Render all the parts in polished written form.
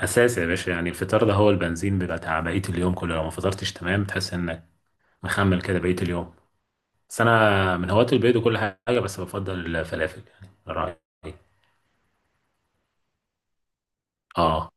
اساس يا باشا، يعني الفطار ده هو البنزين، بيبقى بتاع بقيه اليوم كله. لو ما فطرتش تمام تحس انك مخمل كده بقيه اليوم. بس انا من هواة البيض وكل حاجه، بس بفضل الفلافل يعني رايي. اه،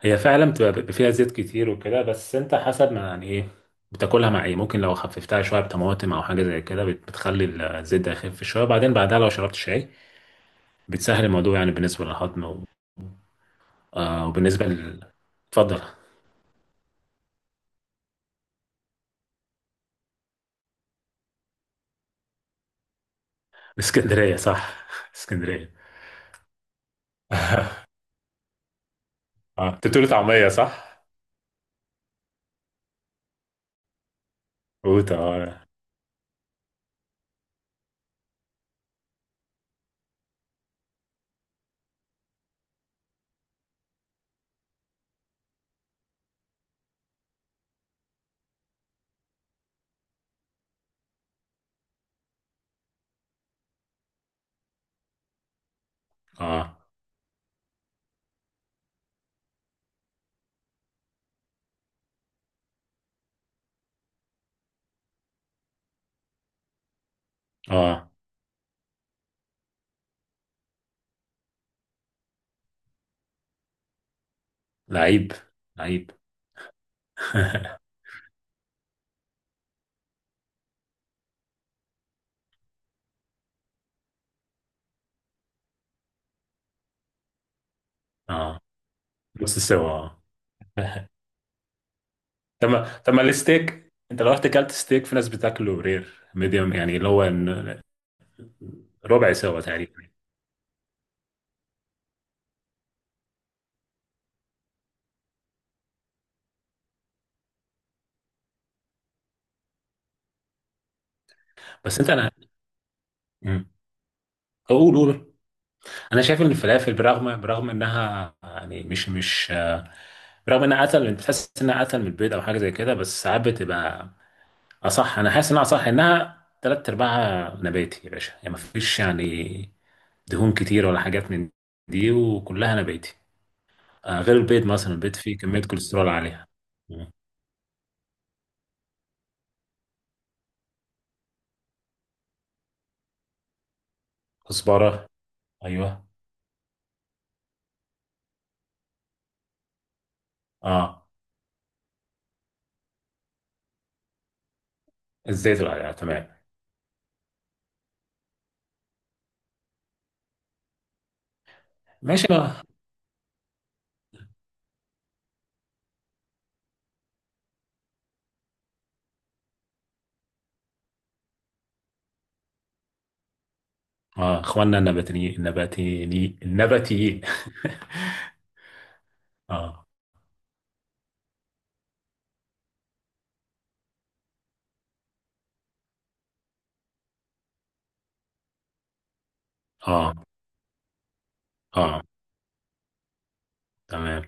هي فعلا بيبقى فيها زيت كتير وكده، بس انت حسب ما يعني ايه بتاكلها مع ايه. ممكن لو خففتها شويه بطماطم او حاجه زي كده بتخلي الزيت ده يخف شويه، بعدين بعدها لو شربت شاي بتسهل الموضوع، يعني بالنسبه للهضم آه، وبالنسبه لل. اتفضل. اسكندريه، صح. اسكندريه. اه، انت بتقول طعمية صح؟ قوت، اه. اه اه. لعيب، لعيب. اه، نص سوا. اه. طب ما الستيك، انت لو رحت كلت ستيك في ناس بتاكله رير، ميديوم، يعني ربع سوا تقريبا. بس انا مم. قول قول. انا شايف ان الفلافل، برغم انها يعني مش برغم انها اتقل، بتحس انها اتقل من البيض او حاجه زي كده، بس ساعات بتبقى، اه صح. انا حاسس انها صح، انها تلات ارباعها نباتي يا باشا، يعني مفيش يعني دهون كتير ولا حاجات من دي، وكلها نباتي. آه، غير البيض مثلا، البيض فيه كمية كوليسترول عالية. مم. كزبرة. ايوه. اه الزيت العالية، تمام. ماشي بقى. اه، اخواننا النباتيين، النباتيين، النباتيين. اه. اه. اه. تمام.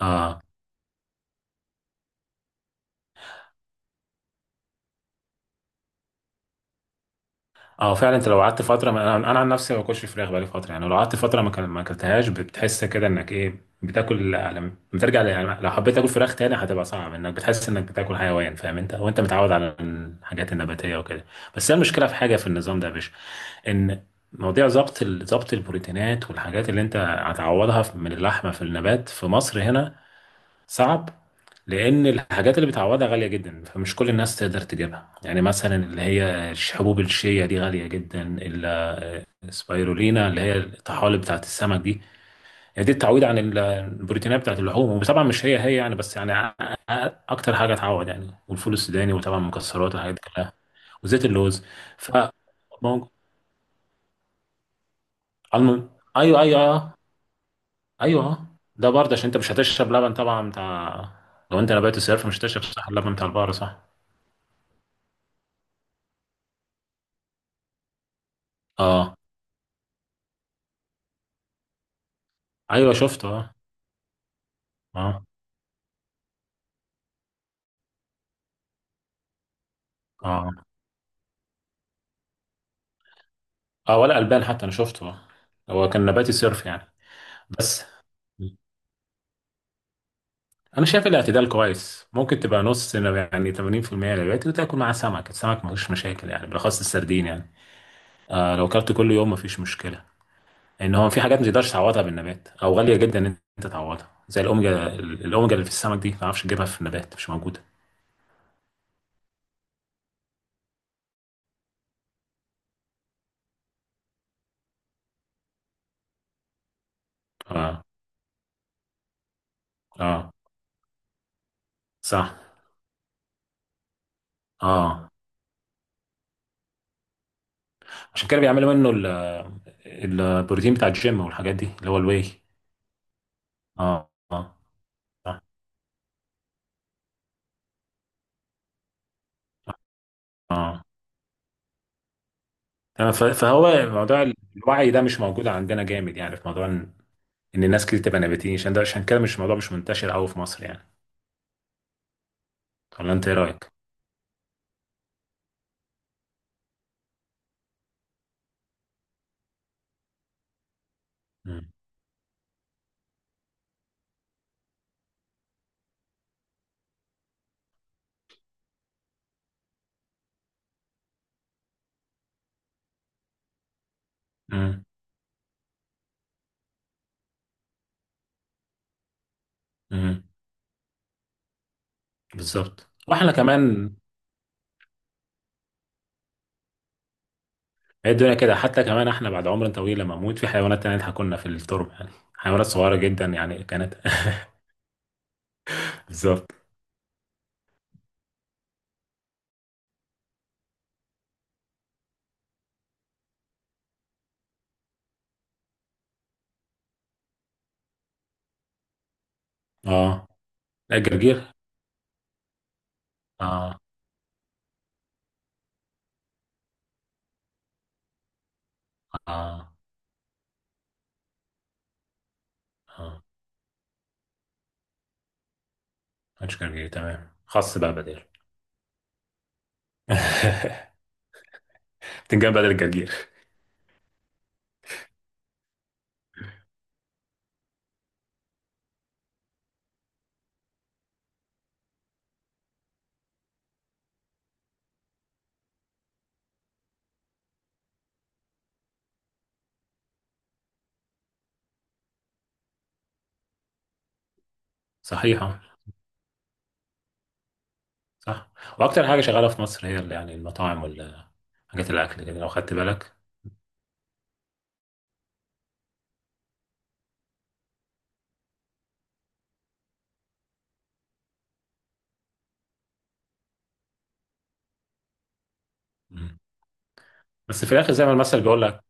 اه. اه فعلا، انت لو قعدت فتره ما، انا عن نفسي ما باكلش فراخ بقالي فتره. يعني لو قعدت فتره ما اكلتهاش بتحس كده انك ايه بتاكل. لما بترجع يعني لو حبيت تاكل فراخ تاني، هتبقى صعب، انك بتحس انك بتاكل حيوان، فاهم انت، وانت متعود على الحاجات النباتيه وكده. بس هي المشكله في حاجه في النظام ده يا باشا، ان مواضيع ظبط ظبط البروتينات والحاجات اللي انت هتعوضها من اللحمه في النبات، في مصر هنا صعب، لان الحاجات اللي بتعوضها غاليه جدا، فمش كل الناس تقدر تجيبها. يعني مثلا اللي هي حبوب الشيا دي غاليه جدا، السبايرولينا اللي هي الطحالب بتاعت السمك دي. يعني دي التعويض عن البروتينات بتاعت اللحوم، وطبعا مش هي هي يعني، بس يعني اكتر حاجه تعوض يعني، والفول السوداني، وطبعا المكسرات والحاجات دي كلها. وزيت اللوز. ف مو- الم... ايوه ايوه ايوه. أيوه، أه. ده برضه عشان انت مش هتشرب لبن طبعا بتاع. لو انت نبات الصيف، مش هتشرب صح اللبن بتاع البقرة، صح. اه. ايوه، شفته، اه. اه. اه. اه، ولا البان حتى، انا شفته، آه. هو كان نباتي صرف يعني. بس انا شايف الاعتدال كويس. ممكن تبقى نص، يعني 80% نباتي، وتاكل معاه سمك. السمك مفيش مشاكل يعني، بالاخص السردين يعني. آه لو اكلت كل يوم مفيش مشكله. ان هو في حاجات ما تقدرش تعوضها بالنبات، او غاليه جدا ان انت تعوضها، زي الاوميجا. الاوميجا اللي في السمك دي ما تعرفش تجيبها في النبات، مش موجوده. اه. اه صح. اه، عشان كده بيعملوا منه البروتين بتاع الجيم والحاجات دي، اللي هو الواي. اه. اه. اه. آه. تمام. فهو موضوع الوعي ده مش موجود عندنا جامد، يعني في موضوع ان إن الناس كتير تبقى نباتيين عشان ده. عشان كده مش الموضوع مش منتشر قوي في مصر يعني. ولا انت ايه رايك؟ مم. مم. مم. بالظبط. واحنا كمان هي الدنيا كده، حتى كمان احنا بعد عمر طويل لما نموت، في حيوانات تانية هتاكلنا في التربة، يعني حيوانات صغيرة جدا، يعني كانت. بالظبط. اه. لا الجرجير. اه. اه. اه. مش جرجير، تمام، خاص بقى بدل. تنجان بدل الجرجير. صحيحة. صح. وأكتر حاجة شغالة في مصر هي يعني المطاعم والحاجات، الأكل كده لو خدت بالك. مم. بس في الآخر زي ما المثل بيقول لك،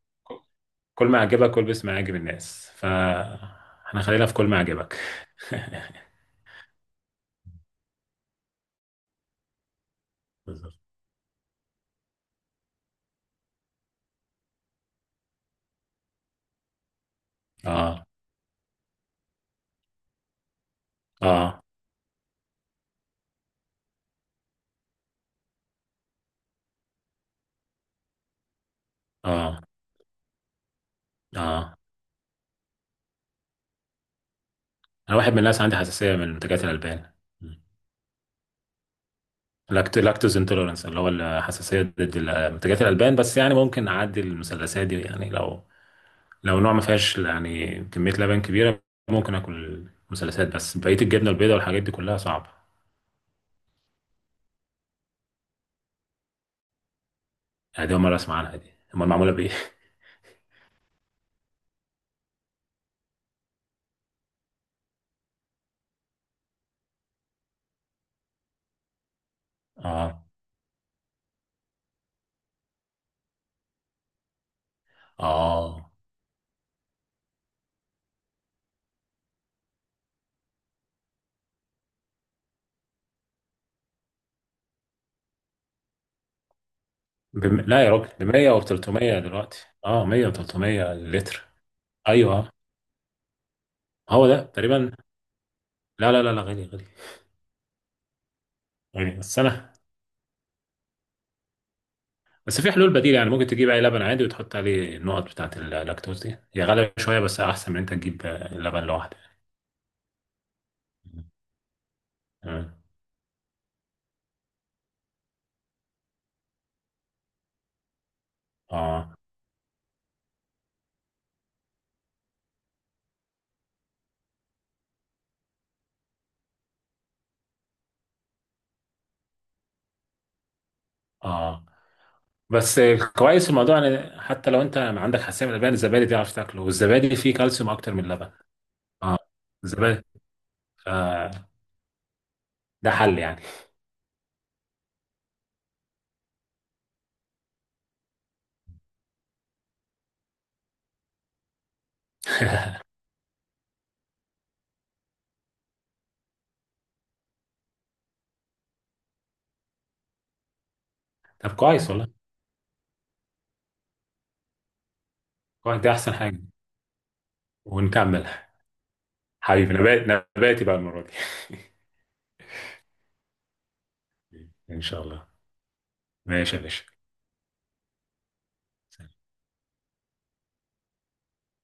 كل ما يعجبك كل، باسم يعجب الناس، فاحنا خلينا في كل ما يعجبك. بالظبط. آه. آه. آه. آه. أنا واحد من الناس، عندي حساسية من منتجات الألبان. مم. لاكتوز انتوليرنس، اللي هو الحساسية ضد منتجات الألبان. بس يعني ممكن أعدي المثلثات دي، يعني لو لو نوع ما فيهاش يعني كمية لبن كبيرة، ممكن آكل مثلثات. بس بقية الجبنة البيضاء والحاجات دي كلها صعبة. أنا دي أول مرة أسمع عنها، دي أمال معمولة بإيه؟ آه. آه. لا يا راجل، ب 100 و 300 دلوقتي. آه 100 و 300 لتر. أيوه. هو ده تقريبا. لا لا لا لا، غالي غالي. غالي. بس أنا، بس في حلول بديلة. يعني ممكن تجيب أي لبن عادي، وتحط عليه النقط بتاعة اللاكتوز دي. هي غالية شوية، بس أحسن من أنت تجيب لبن لوحده. تمام. آه. آه. بس كويس في الموضوع ان، حتى لو انت ما عندك حساسيه من اللبن، الزبادي تعرف تاكله. والزبادي فيه كالسيوم اكتر من اللبن. اه، الزبادي. آه، ده حل يعني. طب كويس والله. كويس، ده احسن حاجه. ونكمل. حبيبي، نبات نباتي بقى المره دي. ان شاء الله. ماشي يا باشا.